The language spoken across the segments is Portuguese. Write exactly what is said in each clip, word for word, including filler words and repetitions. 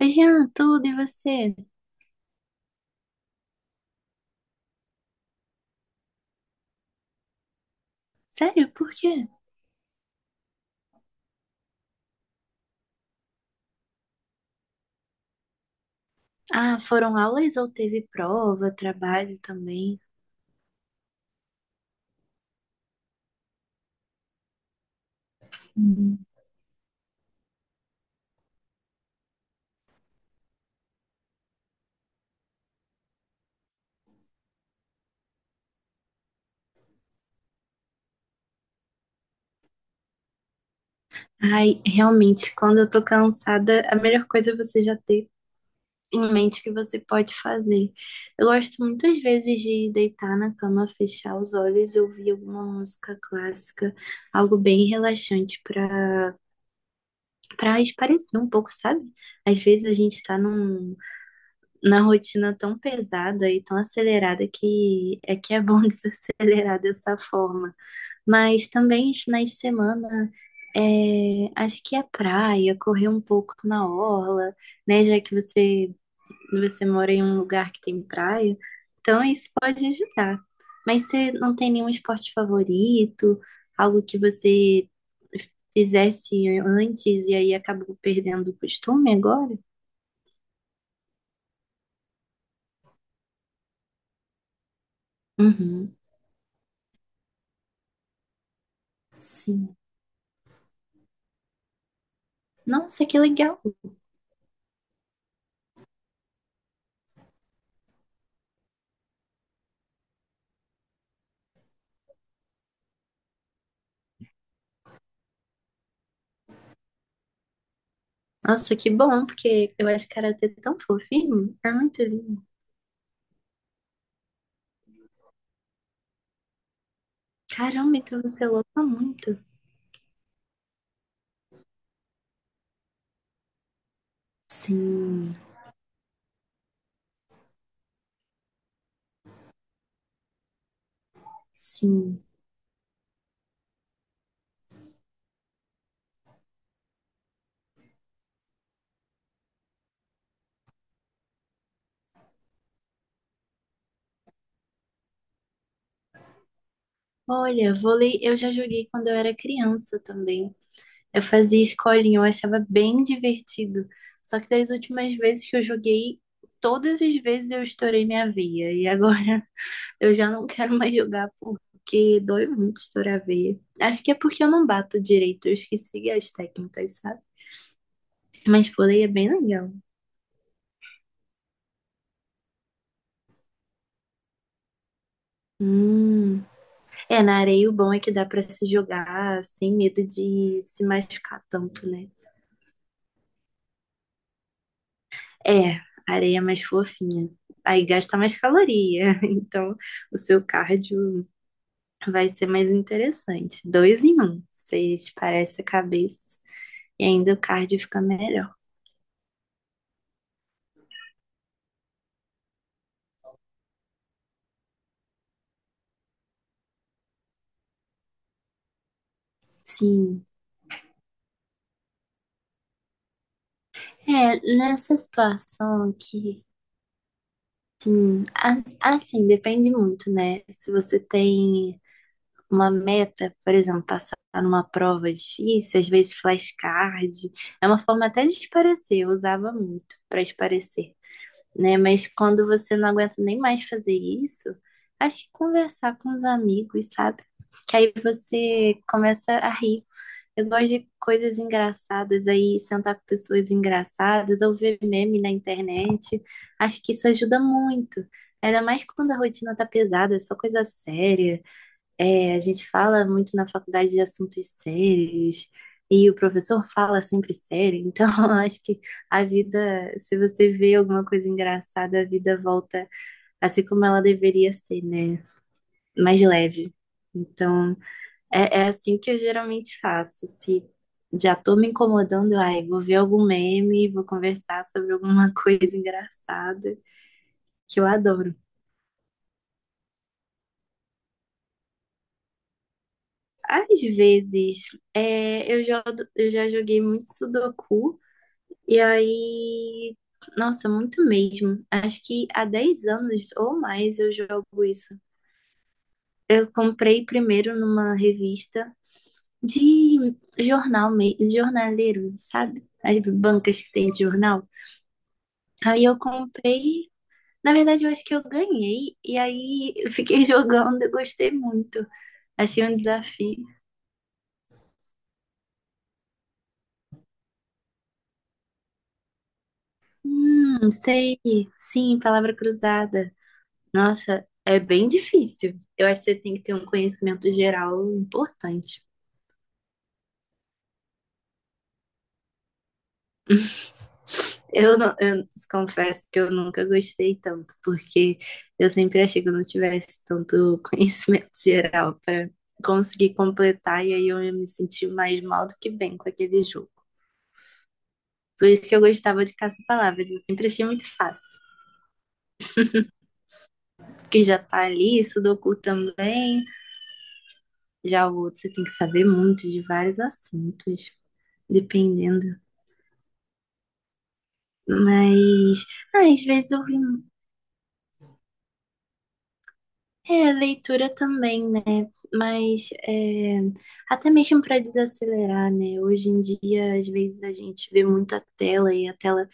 Oi, Jean, tudo e você? Sério, por quê? Ah, foram aulas ou teve prova, trabalho também? Hum. Ai, realmente, quando eu tô cansada, a melhor coisa é você já ter em mente o que você pode fazer. Eu gosto muitas vezes de deitar na cama, fechar os olhos e ouvir alguma música clássica, algo bem relaxante para para espairecer um pouco, sabe? Às vezes a gente tá num na rotina tão pesada e tão acelerada que é que é bom desacelerar dessa forma. Mas também os finais de semana, é, acho que é praia, correr um pouco na orla, né? Já que você, você mora em um lugar que tem praia, então isso pode ajudar. Mas você não tem nenhum esporte favorito, algo que você fizesse antes e aí acabou perdendo o costume agora? Uhum, sim. Nossa, que legal. Nossa, que bom, porque eu acho karatê é tão fofinho. É muito lindo. Caramba, então você luta muito. Sim, sim. Olha, vôlei eu já joguei quando eu era criança também. Eu fazia escolinha, eu achava bem divertido. Só que das últimas vezes que eu joguei, todas as vezes eu estourei minha veia. E agora eu já não quero mais jogar porque dói muito estourar a veia. Acho que é porque eu não bato direito, eu esqueci as técnicas, sabe? Mas por aí é bem legal. Hum. É, na areia o bom é que dá pra se jogar sem medo de se machucar tanto, né? É, a areia é mais fofinha. Aí gasta mais caloria, então o seu cardio vai ser mais interessante. Dois em um, você parece a cabeça e ainda o cardio fica melhor. Sim, é, nessa situação aqui, sim, as- assim, depende muito, né? Se você tem uma meta, por exemplo, passar numa prova difícil, às vezes flashcard, é uma forma até de esparecer, eu usava muito para esparecer, né? Mas quando você não aguenta nem mais fazer isso, acho que conversar com os amigos, sabe? Que aí você começa a rir. Eu gosto de coisas engraçadas aí, sentar com pessoas engraçadas, ou ver meme na internet. Acho que isso ajuda muito. Ainda mais quando a rotina tá pesada, é só coisa séria. É, a gente fala muito na faculdade de assuntos sérios e o professor fala sempre sério, então eu acho que a vida, se você vê alguma coisa engraçada, a vida volta a ser como ela deveria ser, né? Mais leve. Então, é, é assim que eu geralmente faço. Se já tô me incomodando, ai, vou ver algum meme, vou conversar sobre alguma coisa engraçada, que eu adoro. Às vezes, é, eu, jogo, eu já joguei muito Sudoku. E aí, nossa, muito mesmo. Acho que há dez anos ou mais eu jogo isso. Eu comprei primeiro numa revista de jornal, me- jornaleiro, sabe? As bancas que tem de jornal. Aí eu comprei, na verdade eu acho que eu ganhei, e aí eu fiquei jogando e gostei muito. Achei um desafio. Hum, sei, sim, palavra cruzada. Nossa, é bem difícil. Eu acho que você tem que ter um conhecimento geral importante. Eu, não, eu confesso que eu nunca gostei tanto, porque eu sempre achei que eu não tivesse tanto conhecimento geral para conseguir completar, e aí eu ia me sentir mais mal do que bem com aquele jogo. Por isso que eu gostava de caça-palavras, eu sempre achei muito fácil. Porque já tá ali, Sudoku também, já o outro você tem que saber muito de vários assuntos, dependendo. Mas ah, às vezes eu vi é, leitura também, né? Mas é, até mesmo para desacelerar, né? Hoje em dia, às vezes a gente vê muita tela e a tela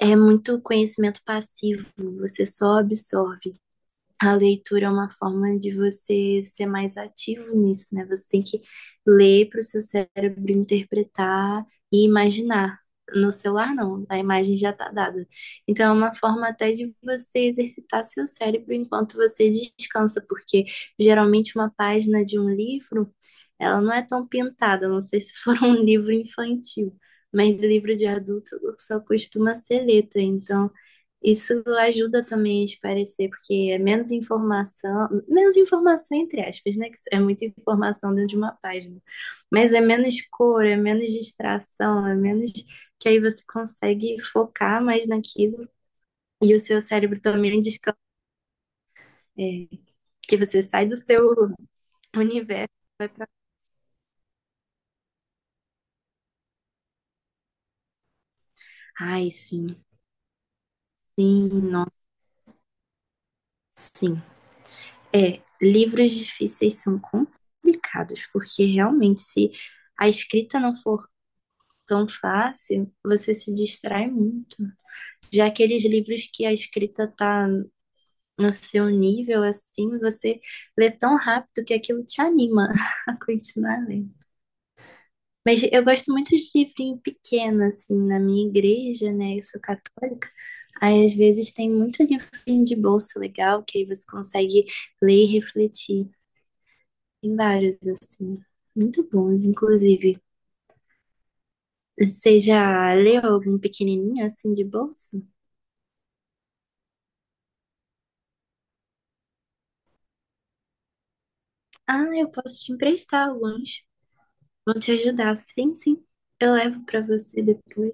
é muito conhecimento passivo, você só absorve. A leitura é uma forma de você ser mais ativo nisso, né? Você tem que ler para o seu cérebro interpretar e imaginar. No celular, não, a imagem já está dada. Então, é uma forma até de você exercitar seu cérebro enquanto você descansa, porque geralmente uma página de um livro, ela não é tão pintada, não sei se for um livro infantil, mas livro de adulto só costuma ser letra. Então, isso ajuda também a esclarecer, porque é menos informação, menos informação entre aspas, né? Que é muita informação dentro de uma página. Mas é menos cor, é menos distração, é menos que aí você consegue focar mais naquilo e o seu cérebro também descansa, é, que você sai do seu universo. Ai, sim, sim, sim. É, livros difíceis são complicados, porque realmente se a escrita não for tão fácil, você se distrai muito. Já aqueles livros que a escrita tá no seu nível, assim, você lê tão rápido que aquilo te anima a continuar lendo. Mas eu gosto muito de livrinho pequeno, assim, na minha igreja, né? Eu sou católica. Aí, às vezes, tem muito livrinho de bolso legal, que aí você consegue ler e refletir. Tem vários, assim, muito bons, inclusive. Você já leu algum pequenininho, assim, de bolso? Ah, eu posso te emprestar alguns. Vão te ajudar. Sim, sim. Eu levo pra você depois.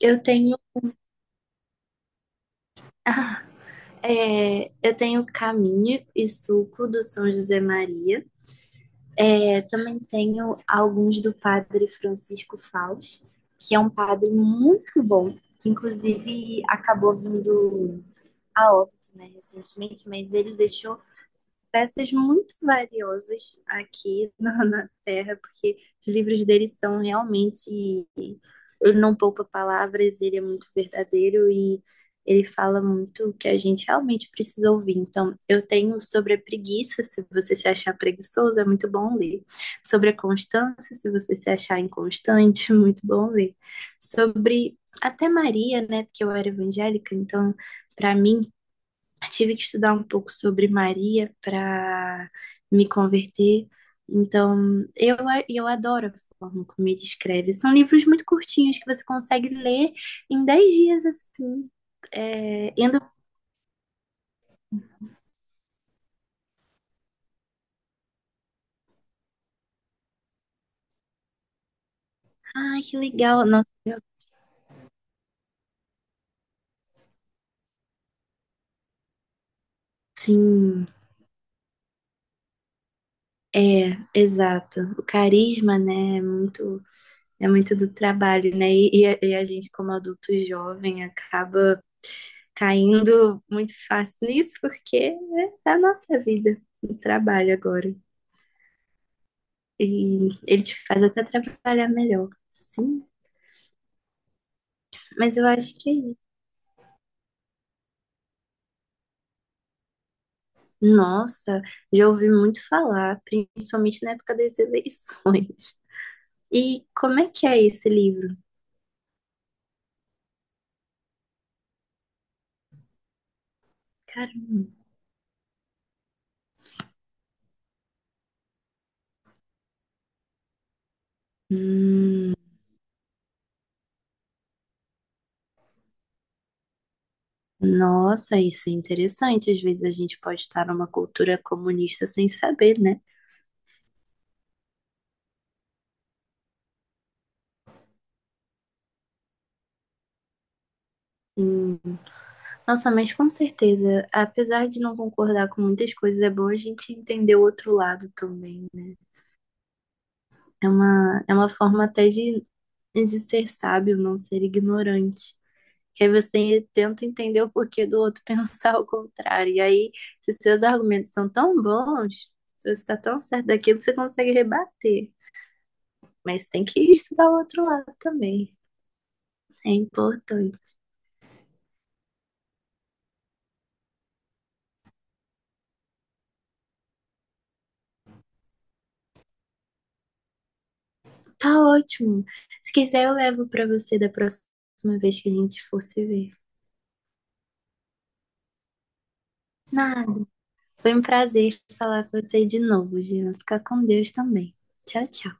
Eu tenho, é, eu tenho caminho e suco do São José Maria. Eu também tenho alguns do Padre Francisco Fausto, que é um padre muito bom, que inclusive acabou vindo a óbito, né, recentemente, mas ele deixou peças muito valiosas aqui na, na Terra, porque os livros dele são realmente. Ele não poupa palavras, ele é muito verdadeiro e ele fala muito o que a gente realmente precisa ouvir. Então, eu tenho sobre a preguiça, se você se achar preguiçoso, é muito bom ler. Sobre a constância, se você se achar inconstante, é muito bom ler. Sobre até Maria, né? Porque eu era evangélica, então para mim tive que estudar um pouco sobre Maria para me converter. Então, eu, a- eu adoro a forma como ele escreve. São livros muito curtinhos que você consegue ler em dez dias, assim, é, indo. Ai, que legal! Nossa, eu- sim, exato. O carisma, né, é muito, é muito, do trabalho, né? E, e a, e a gente, como adulto jovem, acaba caindo muito fácil nisso, porque é a nossa vida, o trabalho agora. E ele te faz até trabalhar melhor. Sim, mas eu acho que é Nossa, já ouvi muito falar, principalmente na época das eleições. E como é que é esse livro? Cara, hum, nossa, isso é interessante. Às vezes a gente pode estar numa cultura comunista sem saber, né? Hum, nossa, mas com certeza, apesar de não concordar com muitas coisas, é bom a gente entender o outro lado também, né? É uma, é uma forma até de é de ser sábio, não ser ignorante. Que aí você tenta entender o porquê do outro pensar o contrário. E aí, se seus argumentos são tão bons, se você está tão certo daquilo, você consegue rebater. Mas tem que estudar o outro lado também. É importante. Tá ótimo. Se quiser, eu levo para você da próxima vez que a gente for se ver. Nada. Foi um prazer falar com você de novo, Gina. Fica com Deus também. Tchau, tchau.